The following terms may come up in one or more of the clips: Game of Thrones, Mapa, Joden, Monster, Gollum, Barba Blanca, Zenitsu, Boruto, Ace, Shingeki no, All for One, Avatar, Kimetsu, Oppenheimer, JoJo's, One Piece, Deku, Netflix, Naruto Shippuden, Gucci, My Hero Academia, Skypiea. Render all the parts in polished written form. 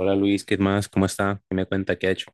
Hola Luis, ¿qué más? ¿Cómo está? ¿Qué me cuenta? ¿Qué ha hecho?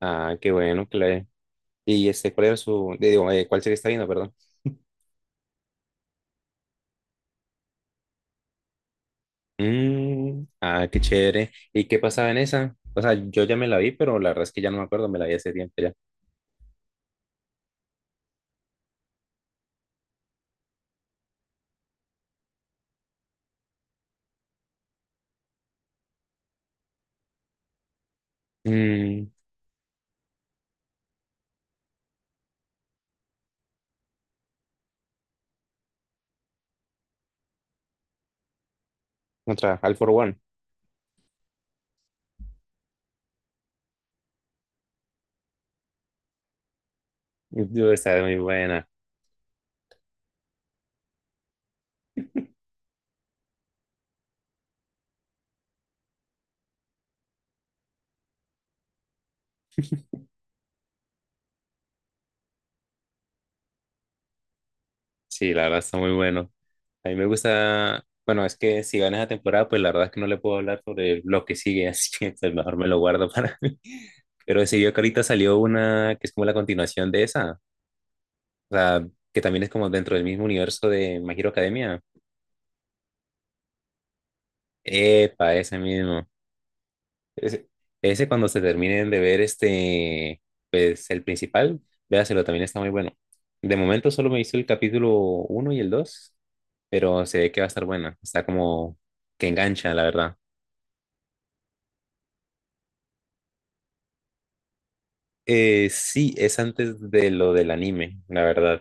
Ah, qué bueno, que le... Y este, ¿cuál era su... de Digo, ¿cuál serie está viendo, perdón? Ah, qué chévere. ¿Y qué pasaba en esa? O sea, yo ya me la vi, pero la verdad es que ya no me acuerdo, me la vi hace tiempo ya. Mm, otra, All for One. Yo, Está muy buena. Sí, la verdad está muy bueno. A mí me gusta... Bueno, es que si gana esa temporada, pues la verdad es que no le puedo hablar sobre lo que sigue, así que pues, mejor me lo guardo para mí. Pero sí, yo que ahorita salió una que es como la continuación de esa. O sea, que también es como dentro del mismo universo de My Hero Academia. Epa, ese mismo. Ese, ese cuando se terminen de ver este, pues el principal, véaselo, también está muy bueno. De momento solo me hizo el capítulo uno y el dos, pero se ve que va a estar buena. Está como que engancha, la verdad. Sí, es antes de lo del anime, la verdad.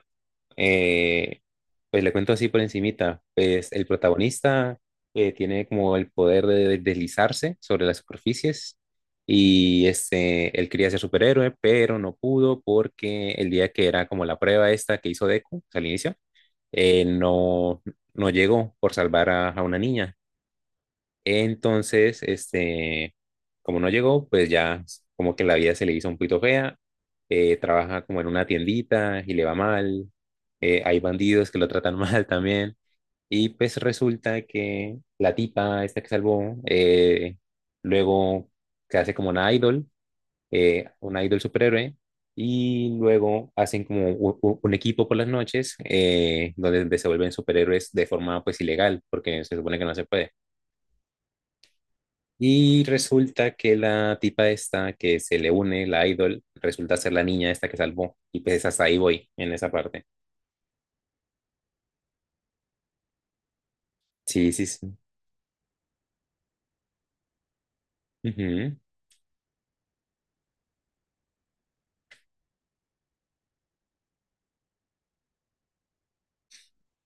Eh, pues le cuento así por encimita. Pues el protagonista tiene como el poder de deslizarse sobre las superficies y este, él quería ser superhéroe, pero no pudo porque el día que era como la prueba esta que hizo Deku, o sea, al inicio, no, no llegó por salvar a una niña. Entonces, este, como no llegó, pues ya como que la vida se le hizo un poquito fea. Trabaja como en una tiendita y le va mal. Hay bandidos que lo tratan mal también. Y pues resulta que la tipa, esta que salvó, luego se hace como una idol superhéroe. Y luego hacen como un equipo por las noches, donde se vuelven superhéroes de forma pues ilegal, porque se supone que no se puede. Y resulta que la tipa esta que se le une, la idol, resulta ser la niña esta que salvó. Y pues hasta ahí voy, en esa parte. Sí, sí, sí. Ujú.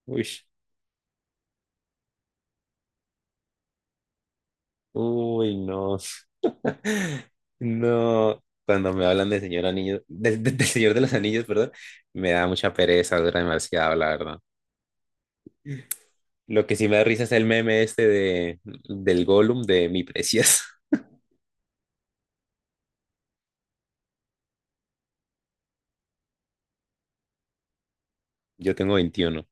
Uy, no. No, cuando me hablan de señor anillo, de señor de los anillos, perdón, me da mucha pereza, dura demasiado, la verdad. Lo que sí me da risa es el meme este de, del Gollum de mi preciosa. Yo tengo 21.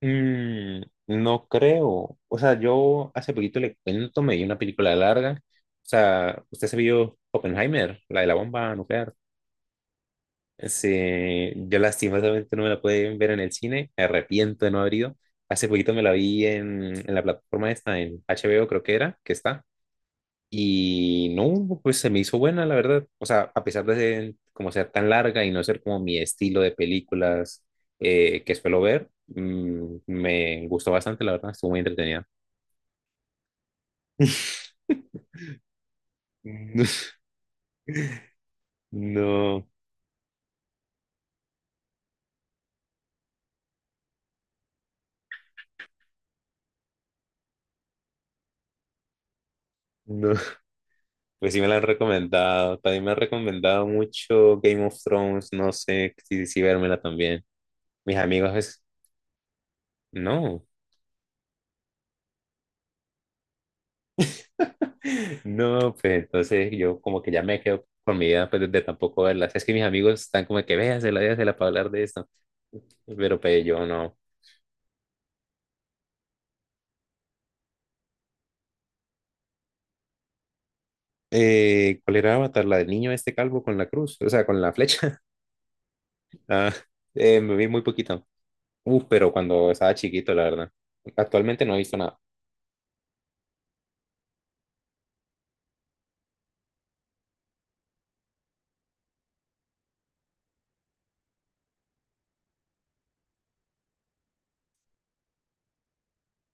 Mm, no creo. O sea, yo hace poquito le cuento, me vi una película larga. O sea, usted se vio Oppenheimer, la de la bomba nuclear. Sí, yo lastimosamente no me la pude ver en el cine, me arrepiento de no haber ido. Hace poquito me la vi en la plataforma esta, en HBO creo que era, que está. Y no, pues se me hizo buena, la verdad. O sea, a pesar de ser, como ser tan larga y no ser como mi estilo de películas que suelo ver, me gustó bastante, la verdad, estuvo muy entretenida. No, no. Pues sí me la han recomendado. También me han recomendado mucho Game of Thrones. No sé si, si vérmela también. Mis amigos, es... no. No, pues entonces yo como que ya me quedo con mi idea pues, de tampoco verlas. Es que mis amigos están como que véasela, véasela para hablar de esto. Pero pues yo no. ¿Cuál era Avatar? La del niño este calvo con la cruz, o sea, con la flecha. Ah, me vi muy poquito. Uf, pero cuando estaba chiquito, la verdad. Actualmente no he visto nada.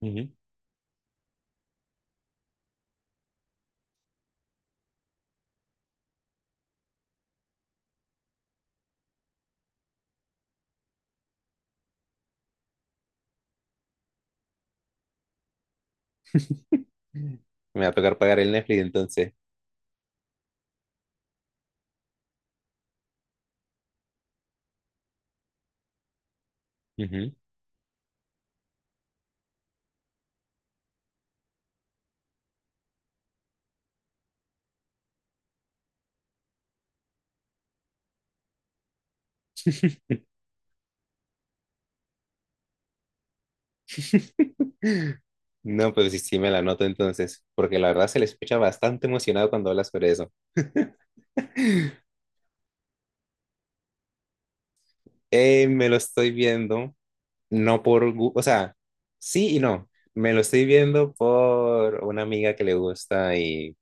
Ujú. Me va a tocar pagar el Netflix entonces. Ujú. No, pues sí, sí me la noto entonces, porque la verdad se le escucha bastante emocionado cuando habla sobre eso. Me lo estoy viendo no por, o sea, sí y no. Me lo estoy viendo por una amiga que le gusta y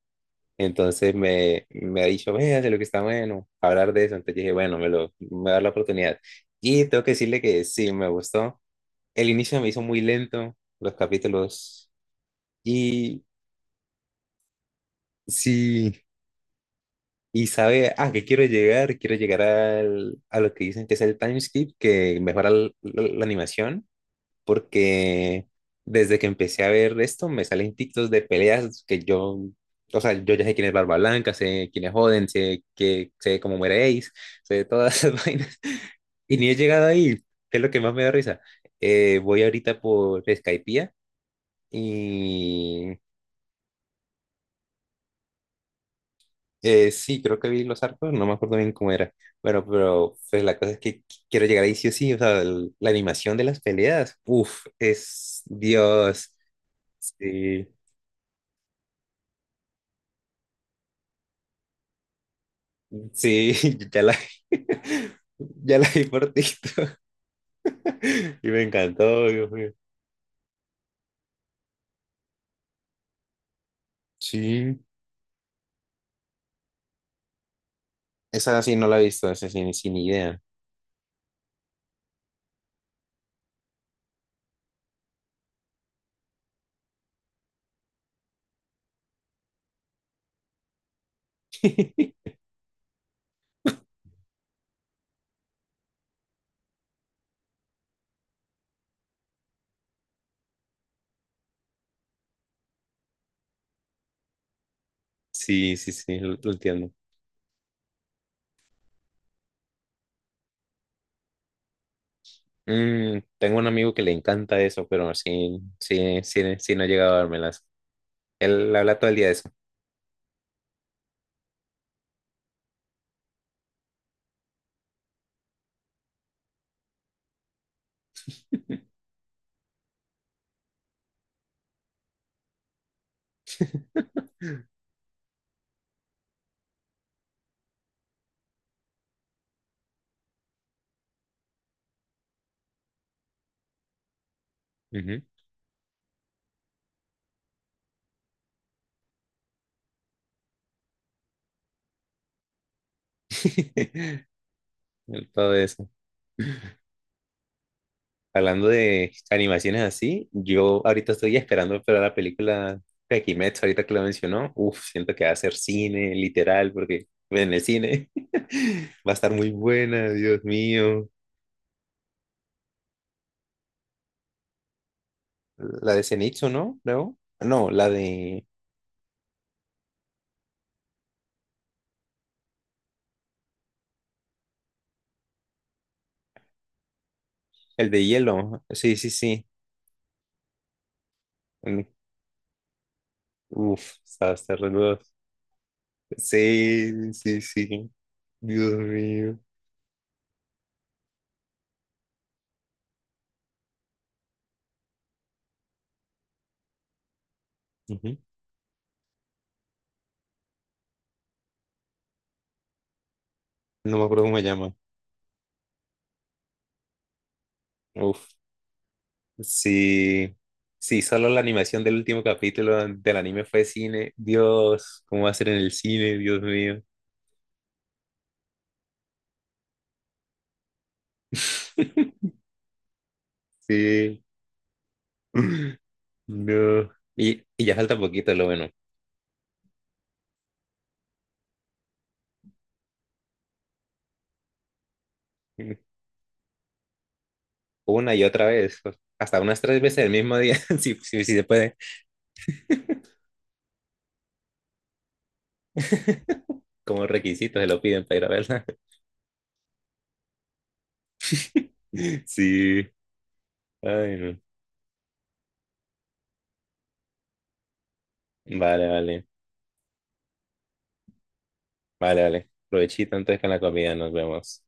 entonces me ha dicho, véase lo que está bueno, hablar de eso. Entonces dije, bueno, me voy a dar la oportunidad. Y tengo que decirle que sí, me gustó. El inicio me hizo muy lento, los capítulos. Y sí, y sabe, ah, que quiero llegar al, a lo que dicen que es el time skip, que mejora la animación, porque desde que empecé a ver esto me salen TikToks de peleas que yo, o sea, yo ya sé quién es Barba Blanca, sé quién es Joden, sé cómo muere Ace, sé todas esas vainas. Y ni he llegado ahí, que es lo que más me da risa. Voy ahorita por Skypiea y sí, creo que vi los arcos, no me acuerdo bien cómo era. Bueno, pero pues la cosa es que quiero llegar ahí sí o sí, o sea, la animación de las peleas, uff, es Dios, sí. Sí, ya la, ya la vi por TikTok y me encantó, Dios mío. Sí, esa sí no la he visto, esa sí, sin idea. Sí, sí, sí, lo entiendo. Tengo un amigo que le encanta eso, pero sí, sí, sí, sí no ha llegado a dármelas. Él habla todo el día de eso. Ujú. Él todo eso. Hablando de animaciones así, yo ahorita estoy esperando para la película de Kimetsu, ahorita que lo mencionó. Uf, siento que va a ser cine, literal, porque en el cine va a estar muy buena, Dios mío. La de Zenitsu, ¿no? No, la de el de hielo. Sí, sí, sí. Mm, Uf, va a estar re duro. Sí, sí, sí. Dios mío. Ujú. No me acuerdo cómo se llama. Uf, sí, sí, solo la animación del último capítulo del anime fue cine. Dios, ¿cómo va a ser en el cine? Dios mío. Sí. No. Y ya falta poquito, lo bueno. Una y otra vez, hasta unas 3 veces el mismo día, si, si, si se puede. Como requisito se lo piden para ir a verla. Sí. Ay, no. Vale, vale. Vale, vale. Provechito entonces con la comida, nos vemos.